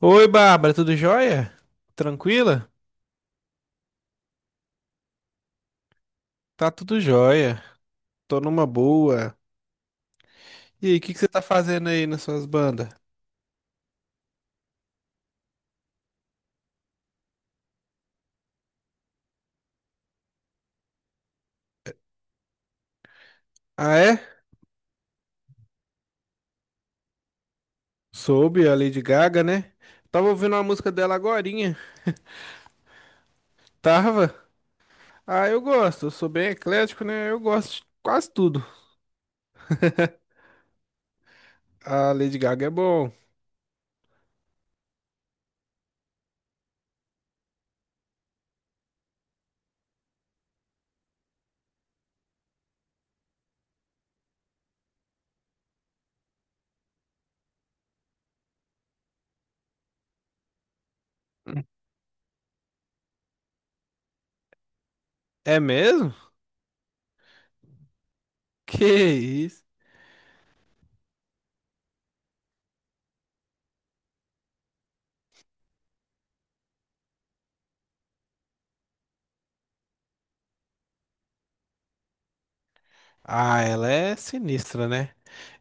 Oi, Bárbara, tudo jóia? Tranquila? Tá tudo jóia. Tô numa boa. E aí, o que você tá fazendo aí nas suas bandas? Ah, é? Soube a Lady Gaga, né? Tava ouvindo uma música dela agorinha. Tava? Ah, eu gosto. Eu sou bem eclético, né? Eu gosto de quase tudo. A Lady Gaga é bom. É mesmo? Que isso? Ah, ela é sinistra, né?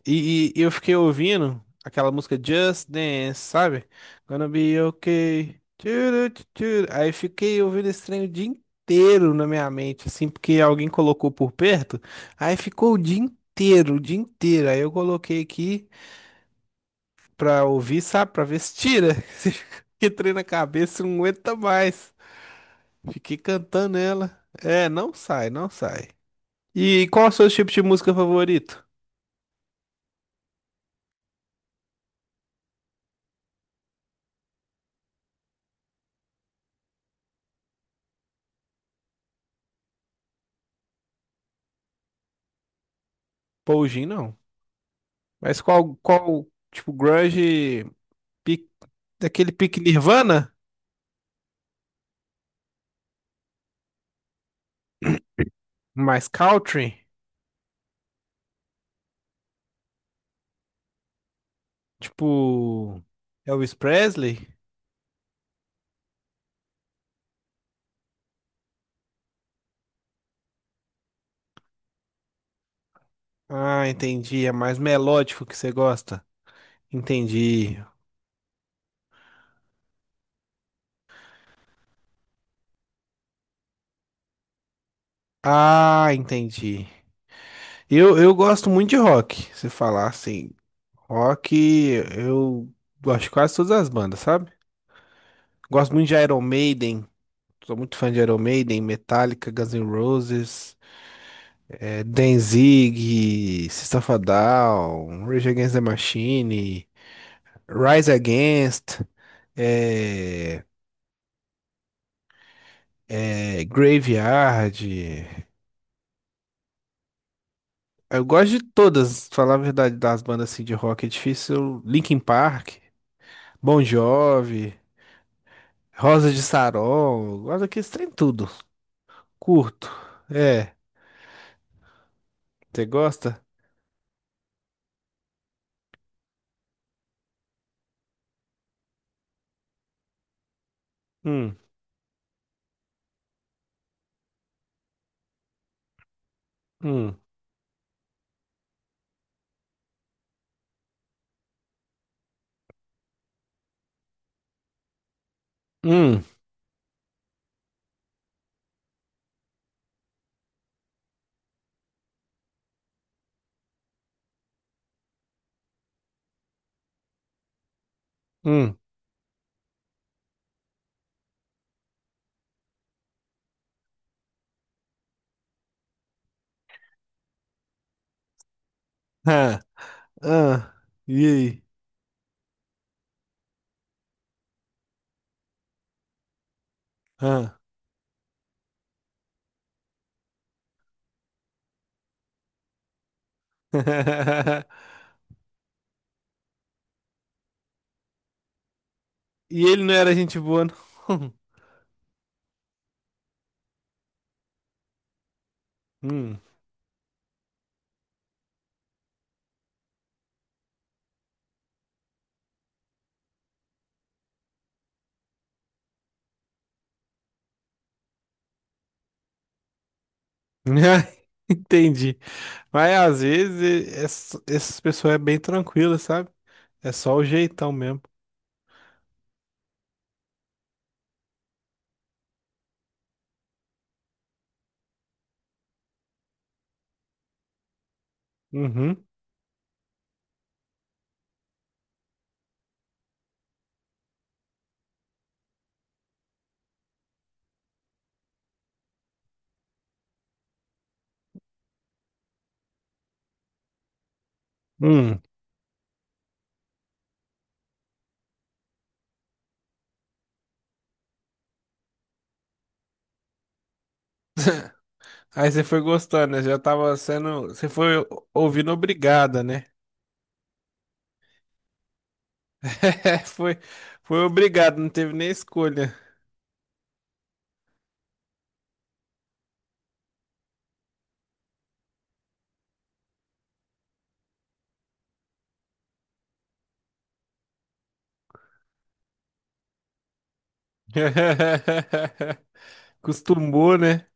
E eu fiquei ouvindo aquela música Just Dance, sabe? Gonna be okay. Tchuru, tchuru. Aí fiquei ouvindo esse trem o dia inteiro na minha mente, assim, porque alguém colocou por perto. Aí ficou o dia inteiro, o dia inteiro. Aí eu coloquei aqui pra ouvir, sabe? Pra ver se tira. Que trem na cabeça, não aguenta mais. Fiquei cantando ela. É, não sai, não sai. E qual é o seu tipo de música favorito? Poujin, não. Mas qual, tipo, grunge, pique- daquele pique Nirvana? Mais country? Tipo, Elvis Presley? Ah, entendi. É mais melódico que você gosta. Entendi. Ah, entendi. Eu gosto muito de rock. Se falar assim, rock, eu gosto de quase todas as bandas, sabe? Gosto muito de Iron Maiden. Sou muito fã de Iron Maiden, Metallica, Guns N' Roses. É, Denzig, System of a Down, Rage Against the Machine, Rise Against, é, é, Graveyard. Eu gosto de todas, falar a verdade, das bandas assim, de rock é difícil. Linkin Park, Bon Jovi, Rosa de Sarol, eu gosto daqueles trem tudo. Curto. É, você gosta? Hum, hum, hum, hum. Ah, ah, e aí? Ah. E ele não era gente boa, não. Hum. Entendi. Mas às vezes essas pessoas é bem tranquila, sabe? É só o jeitão mesmo. Uhum. Hum. Aí você foi gostando, né? Já tava sendo. Você foi ouvindo obrigada, né? Foi, foi obrigado, não teve nem escolha. Costumou, né?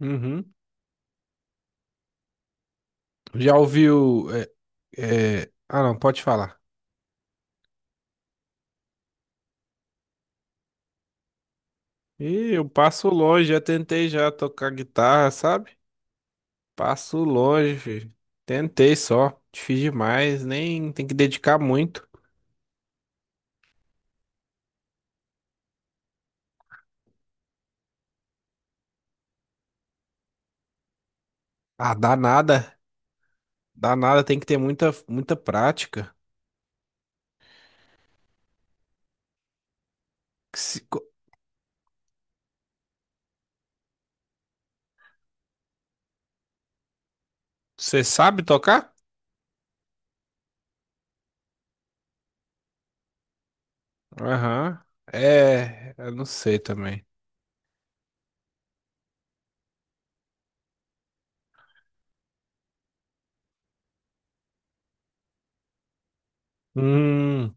Uhum. Já ouviu. Ah, não, pode falar. Eu passo longe, já tentei já tocar guitarra, sabe? Passo longe, filho. Tentei só, difícil demais, nem tem que dedicar muito. Ah, dá nada, tem que ter muita, muita prática. Você sabe tocar? Aham. É, eu não sei também. Hum,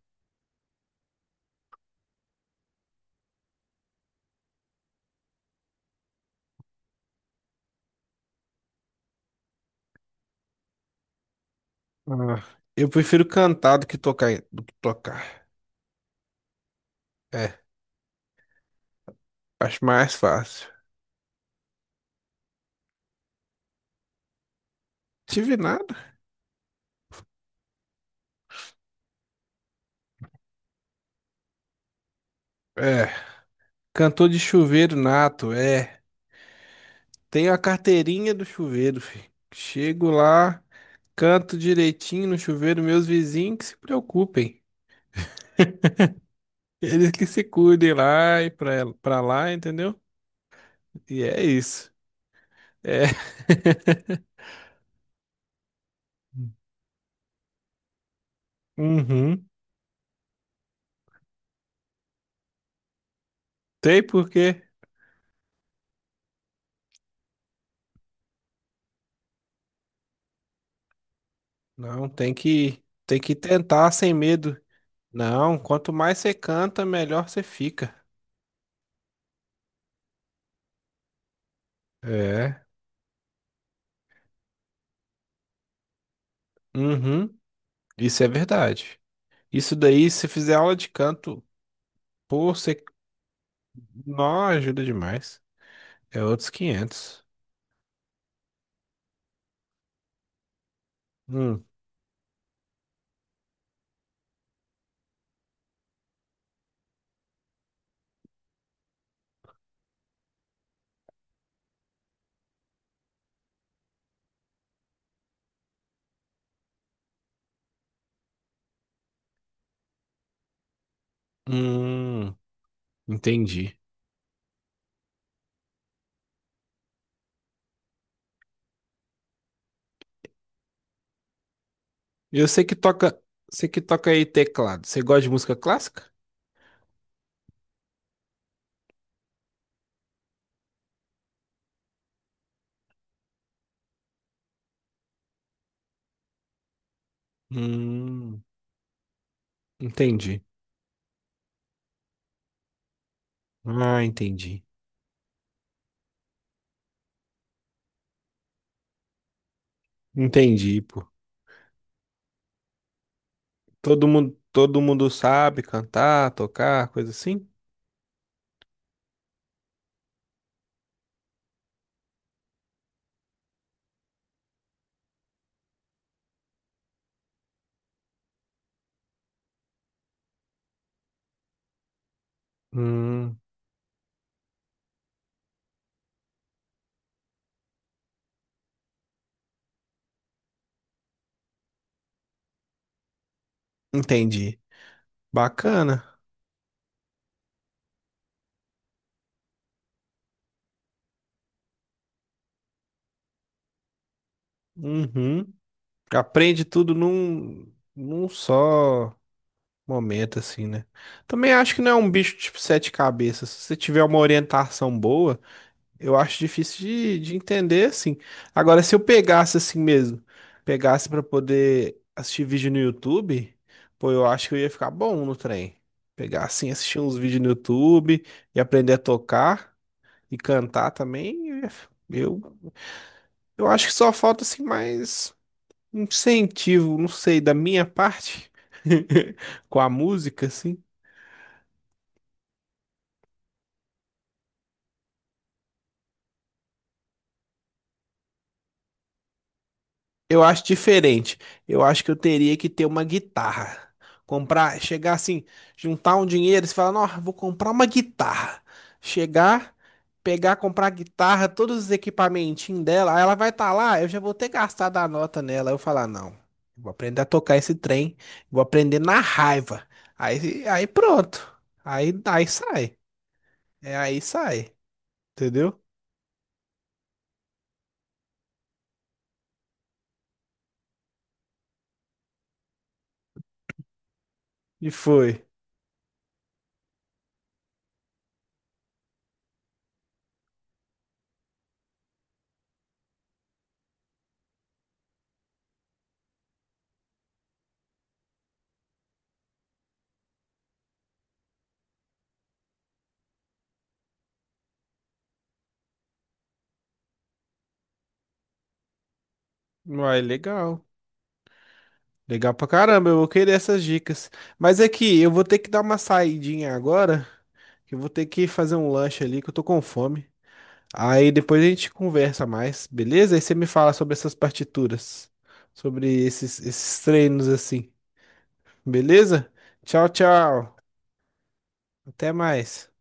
ah, eu prefiro cantar do que tocar, do que tocar. É, acho mais fácil. Tive nada. É, cantor de chuveiro nato, é. Tenho a carteirinha do chuveiro, filho. Chego lá, canto direitinho no chuveiro, meus vizinhos que se preocupem. Eles que se cuidem lá e pra lá, entendeu? E é isso. É. Uhum. Tem por quê? Não, tem que tentar sem medo. Não, quanto mais você canta, melhor você fica. É. Uhum. Isso é verdade. Isso daí, se fizer aula de canto, pô, você. Não, ajuda demais. É outros 500. Hum, hum, entendi. Eu sei que toca aí teclado. Você gosta de música clássica? Hum, entendi. Ah, entendi. Entendi, pô. Todo mundo sabe cantar, tocar, coisa assim? Hum, entendi. Bacana. Uhum. Aprende tudo num só momento, assim, né? Também acho que não é um bicho tipo sete cabeças. Se você tiver uma orientação boa, eu acho difícil de entender, assim. Agora, se eu pegasse assim mesmo, pegasse pra poder assistir vídeo no YouTube, pô, eu acho que eu ia ficar bom no trem. Pegar assim, assistir uns vídeos no YouTube e aprender a tocar e cantar também, eu acho que só falta assim mais um incentivo, não sei, da minha parte com a música, assim. Eu acho diferente. Eu acho que eu teria que ter uma guitarra. Comprar, chegar assim, juntar um dinheiro, e falar, não, vou comprar uma guitarra. Chegar, pegar, comprar a guitarra, todos os equipamentinhos dela, aí ela vai estar lá, eu já vou ter gastado a nota nela. Aí eu falar, não, eu vou aprender a tocar esse trem, vou aprender na raiva. Aí pronto. Aí sai. É aí sai. Entendeu? E foi. Uai, legal. Legal pra caramba, eu vou querer essas dicas. Mas é que eu vou ter que dar uma saidinha agora, que eu vou ter que fazer um lanche ali, que eu tô com fome. Aí depois a gente conversa mais, beleza? Aí você me fala sobre essas partituras, sobre esses treinos assim, beleza? Tchau, tchau. Até mais.